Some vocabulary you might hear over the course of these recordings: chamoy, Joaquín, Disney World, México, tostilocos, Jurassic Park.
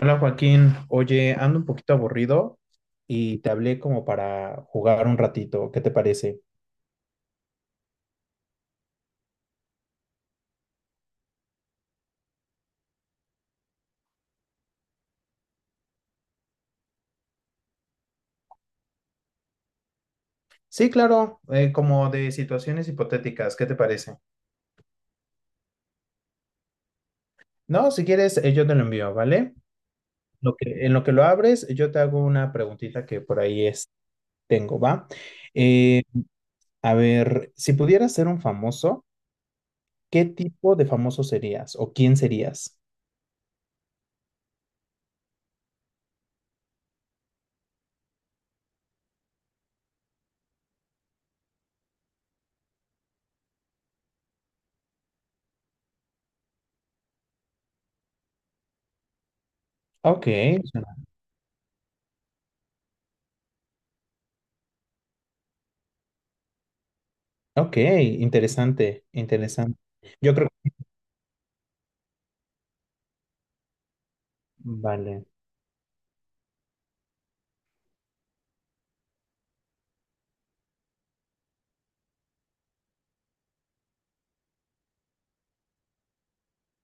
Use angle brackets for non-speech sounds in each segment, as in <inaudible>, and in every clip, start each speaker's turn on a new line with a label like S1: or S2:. S1: Hola Joaquín, oye, ando un poquito aburrido y te hablé como para jugar un ratito, ¿qué te parece? Sí, claro, como de situaciones hipotéticas, ¿qué te parece? No, si quieres, yo te lo envío, ¿vale? En lo que lo abres, yo te hago una preguntita que por ahí es, tengo, ¿va? Eh, a ver, si pudieras ser un famoso, ¿qué tipo de famoso serías o quién serías? Ok, suena- ok, interesante, interesante. Yo creo, vale.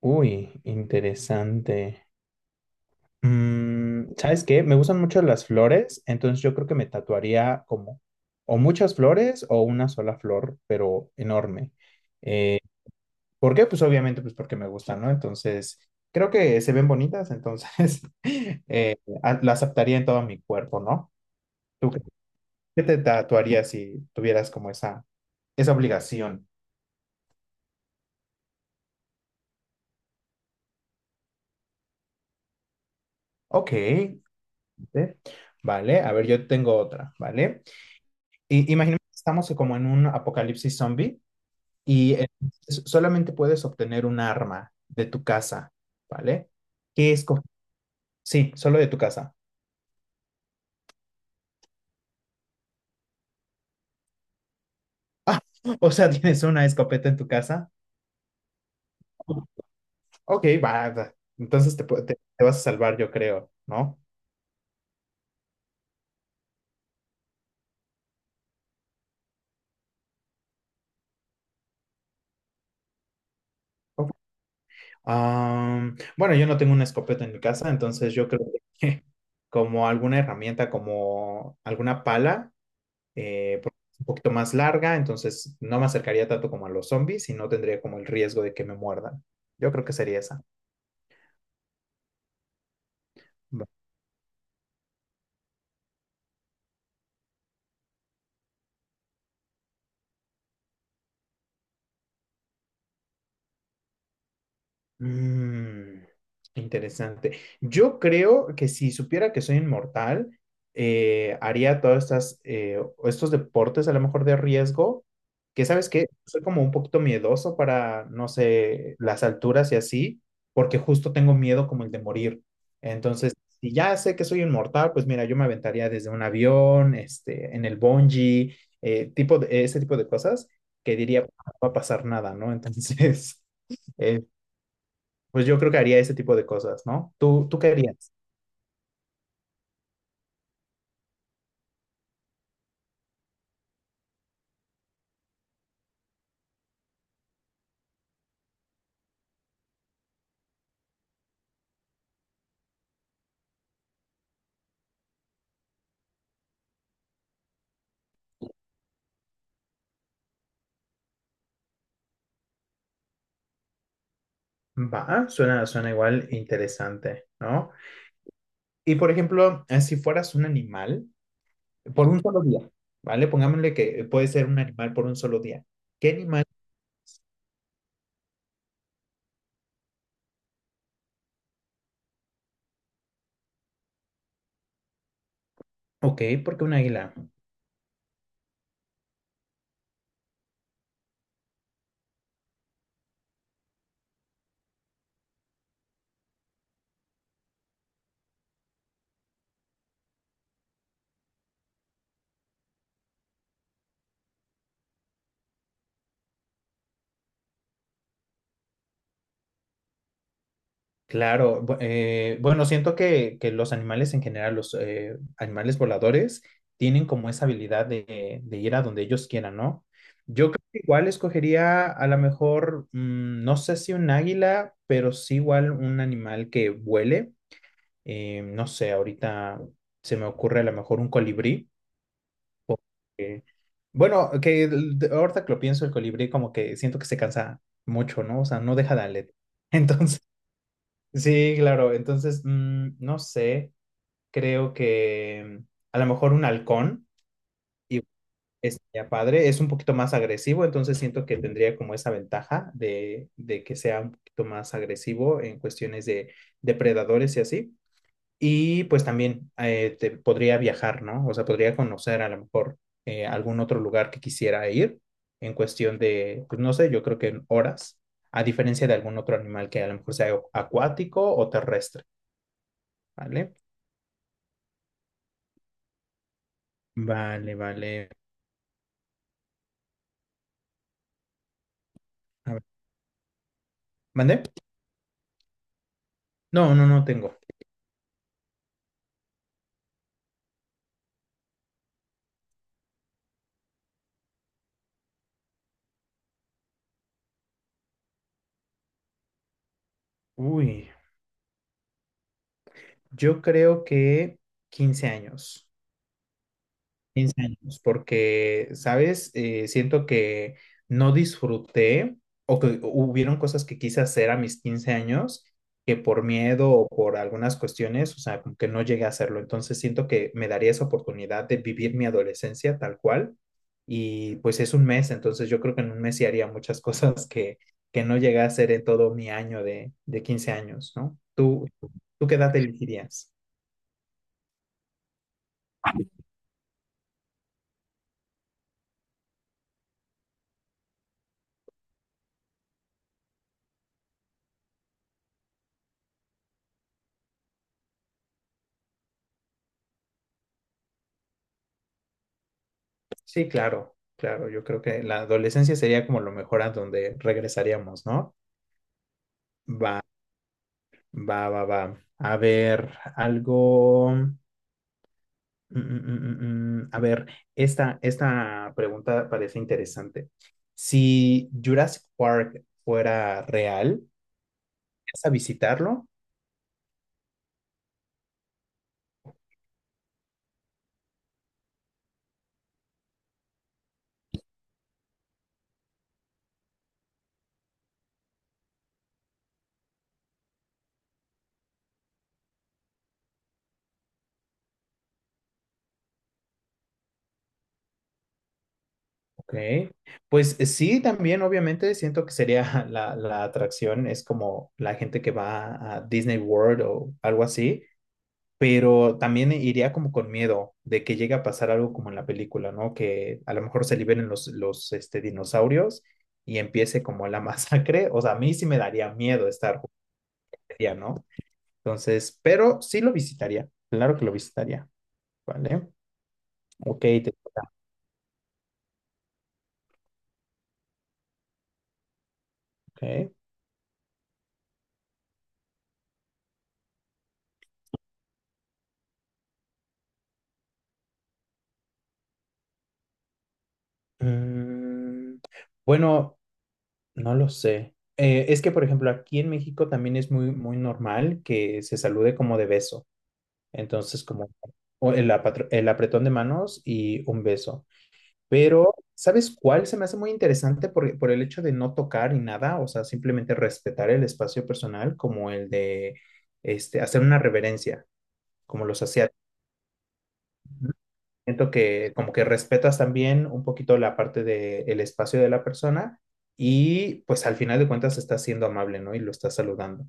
S1: Uy, interesante. Mm, ¿sabes qué? Me gustan mucho las flores, entonces yo creo que me tatuaría como o muchas flores o una sola flor, pero enorme. Eh, ¿Por qué? Pues obviamente pues porque me gustan, ¿no? Entonces, creo que se ven bonitas, entonces <laughs> eh, las aceptaría en todo mi cuerpo, ¿no? ¿Tú qué te tatuarías si tuvieras como esa obligación? Ok, ¿eh? Vale, a ver, yo tengo otra, ¿vale? Imaginemos que estamos como en un apocalipsis zombie y solamente puedes obtener un arma de tu casa, ¿vale? ¿Qué esco- Sí, solo de tu casa. Ah, <laughs> o sea, ¿tienes una escopeta en tu casa? Ok, va, va. Entonces te vas a salvar, yo creo, ¿no? Bueno, yo no tengo una escopeta en mi casa, entonces yo creo que <laughs> como alguna herramienta, como alguna pala, porque es un poquito más larga, entonces no me acercaría tanto como a los zombies y no tendría como el riesgo de que me muerdan. Yo creo que sería esa. Mm, interesante. Yo creo que si supiera que soy inmortal, haría todas estas, estos deportes a lo mejor de riesgo, que sabes que soy como un poquito miedoso para, no sé, las alturas y así, porque justo tengo miedo como el de morir. Entonces, si ya sé que soy inmortal, pues mira, yo me aventaría desde un avión, este, en el bungee, ese tipo de cosas que diría, no va a pasar nada, ¿no? Entonces... <laughs> eh, pues yo creo que haría ese tipo de cosas, ¿no? ¿Tú qué harías? Va, suena, suena igual interesante, ¿no? Y por ejemplo, si fueras un animal por un solo día, ¿vale? Pongámosle que puede ser un animal por un solo día. ¿Qué animal? Ok, porque un águila. Claro, bueno, siento que los animales en general, los animales voladores, tienen como esa habilidad de ir a donde ellos quieran, ¿no? Yo creo que igual escogería a lo mejor, mm, no sé si un águila, pero sí igual un animal que vuele. No sé, ahorita se me ocurre a lo mejor un colibrí. Porque- bueno, ahorita que lo pienso, el colibrí como que siento que se cansa mucho, ¿no? O sea, no deja de <laughs> Entonces... Sí, claro. Entonces, mm, no sé, creo que mm, a lo mejor un halcón y estaría padre. Es un poquito más agresivo, entonces siento que tendría como esa ventaja de que sea un poquito más agresivo en cuestiones de depredadores y así. Y pues también podría viajar, ¿no? O sea, podría conocer a lo mejor algún otro lugar que quisiera ir en cuestión de, pues no sé, yo creo que en horas, a diferencia de algún otro animal que a lo mejor sea acuático o terrestre. Vale, vale, vale. A ver, ¿mandé? No, no, no tengo. Uy, yo creo que 15 años. Quince años, porque, ¿sabes? Siento que no disfruté o que hubieron cosas que quise hacer a mis 15 años que por miedo o por algunas cuestiones, o sea, como que no llegué a hacerlo. Entonces siento que me daría esa oportunidad de vivir mi adolescencia tal cual y pues es un mes, entonces yo creo que en un mes sí haría muchas <laughs> cosas que no llegué a hacer en todo mi año de 15 años, ¿no? ¿Tú qué edad elegirías? Sí, claro, claro. Yo creo que la adolescencia sería como lo mejor a donde regresaríamos, ¿no? Va, va, va, va. A ver, algo. A ver, esta pregunta parece interesante. Si Jurassic Park fuera real, ¿vas a visitarlo? Ok. Pues sí, también obviamente siento que sería <laughs> la atracción, es como la gente que va a Disney World o algo así, pero también iría como con miedo de que llegue a pasar algo como en la película, ¿no? Que a lo mejor se liberen los este, dinosaurios y empiece como la <laughs> masacre. O sea, a mí sí me daría miedo estar jugaría, ¿no? Entonces, pero sí lo visitaría, claro que lo visitaría, ¿vale? Ok, te- ok. Mm, bueno, no lo sé. Es que, por ejemplo, aquí en México también es muy, muy normal que se salude como de beso. Entonces, como o el apretón de manos y un beso. Pero, ¿sabes cuál se me hace muy interesante por el hecho de no tocar ni nada? O sea, simplemente respetar el espacio personal, como el de este, hacer una reverencia, como los asiáticos. ¿No? Siento que como que respetas también un poquito la parte del espacio de la persona y pues al final de cuentas estás siendo amable, ¿no? Y lo estás saludando.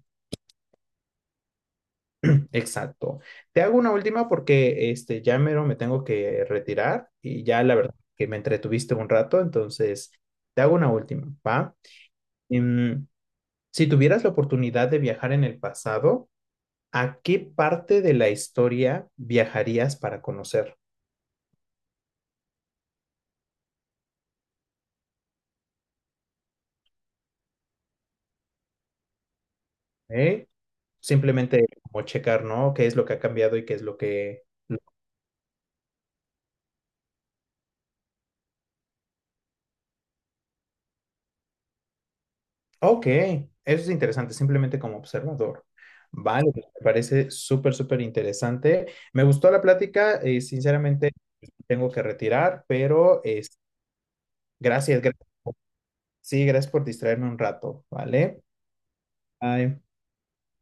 S1: Exacto. Te hago una última porque este, ya mero me tengo que retirar y ya la verdad que me entretuviste un rato, entonces te hago una última, ¿va? Em, si tuvieras la oportunidad de viajar en el pasado, ¿a qué parte de la historia viajarías para conocer? ¿Eh? Simplemente como checar, ¿no? ¿Qué es lo que ha cambiado y qué es lo que, Ok, eso es interesante, simplemente como observador. Vale, pues, me parece súper, súper interesante. Me gustó la plática, sinceramente tengo que retirar, pero es gracias, gracias. Sí, gracias por distraerme un rato, ¿vale? Bye.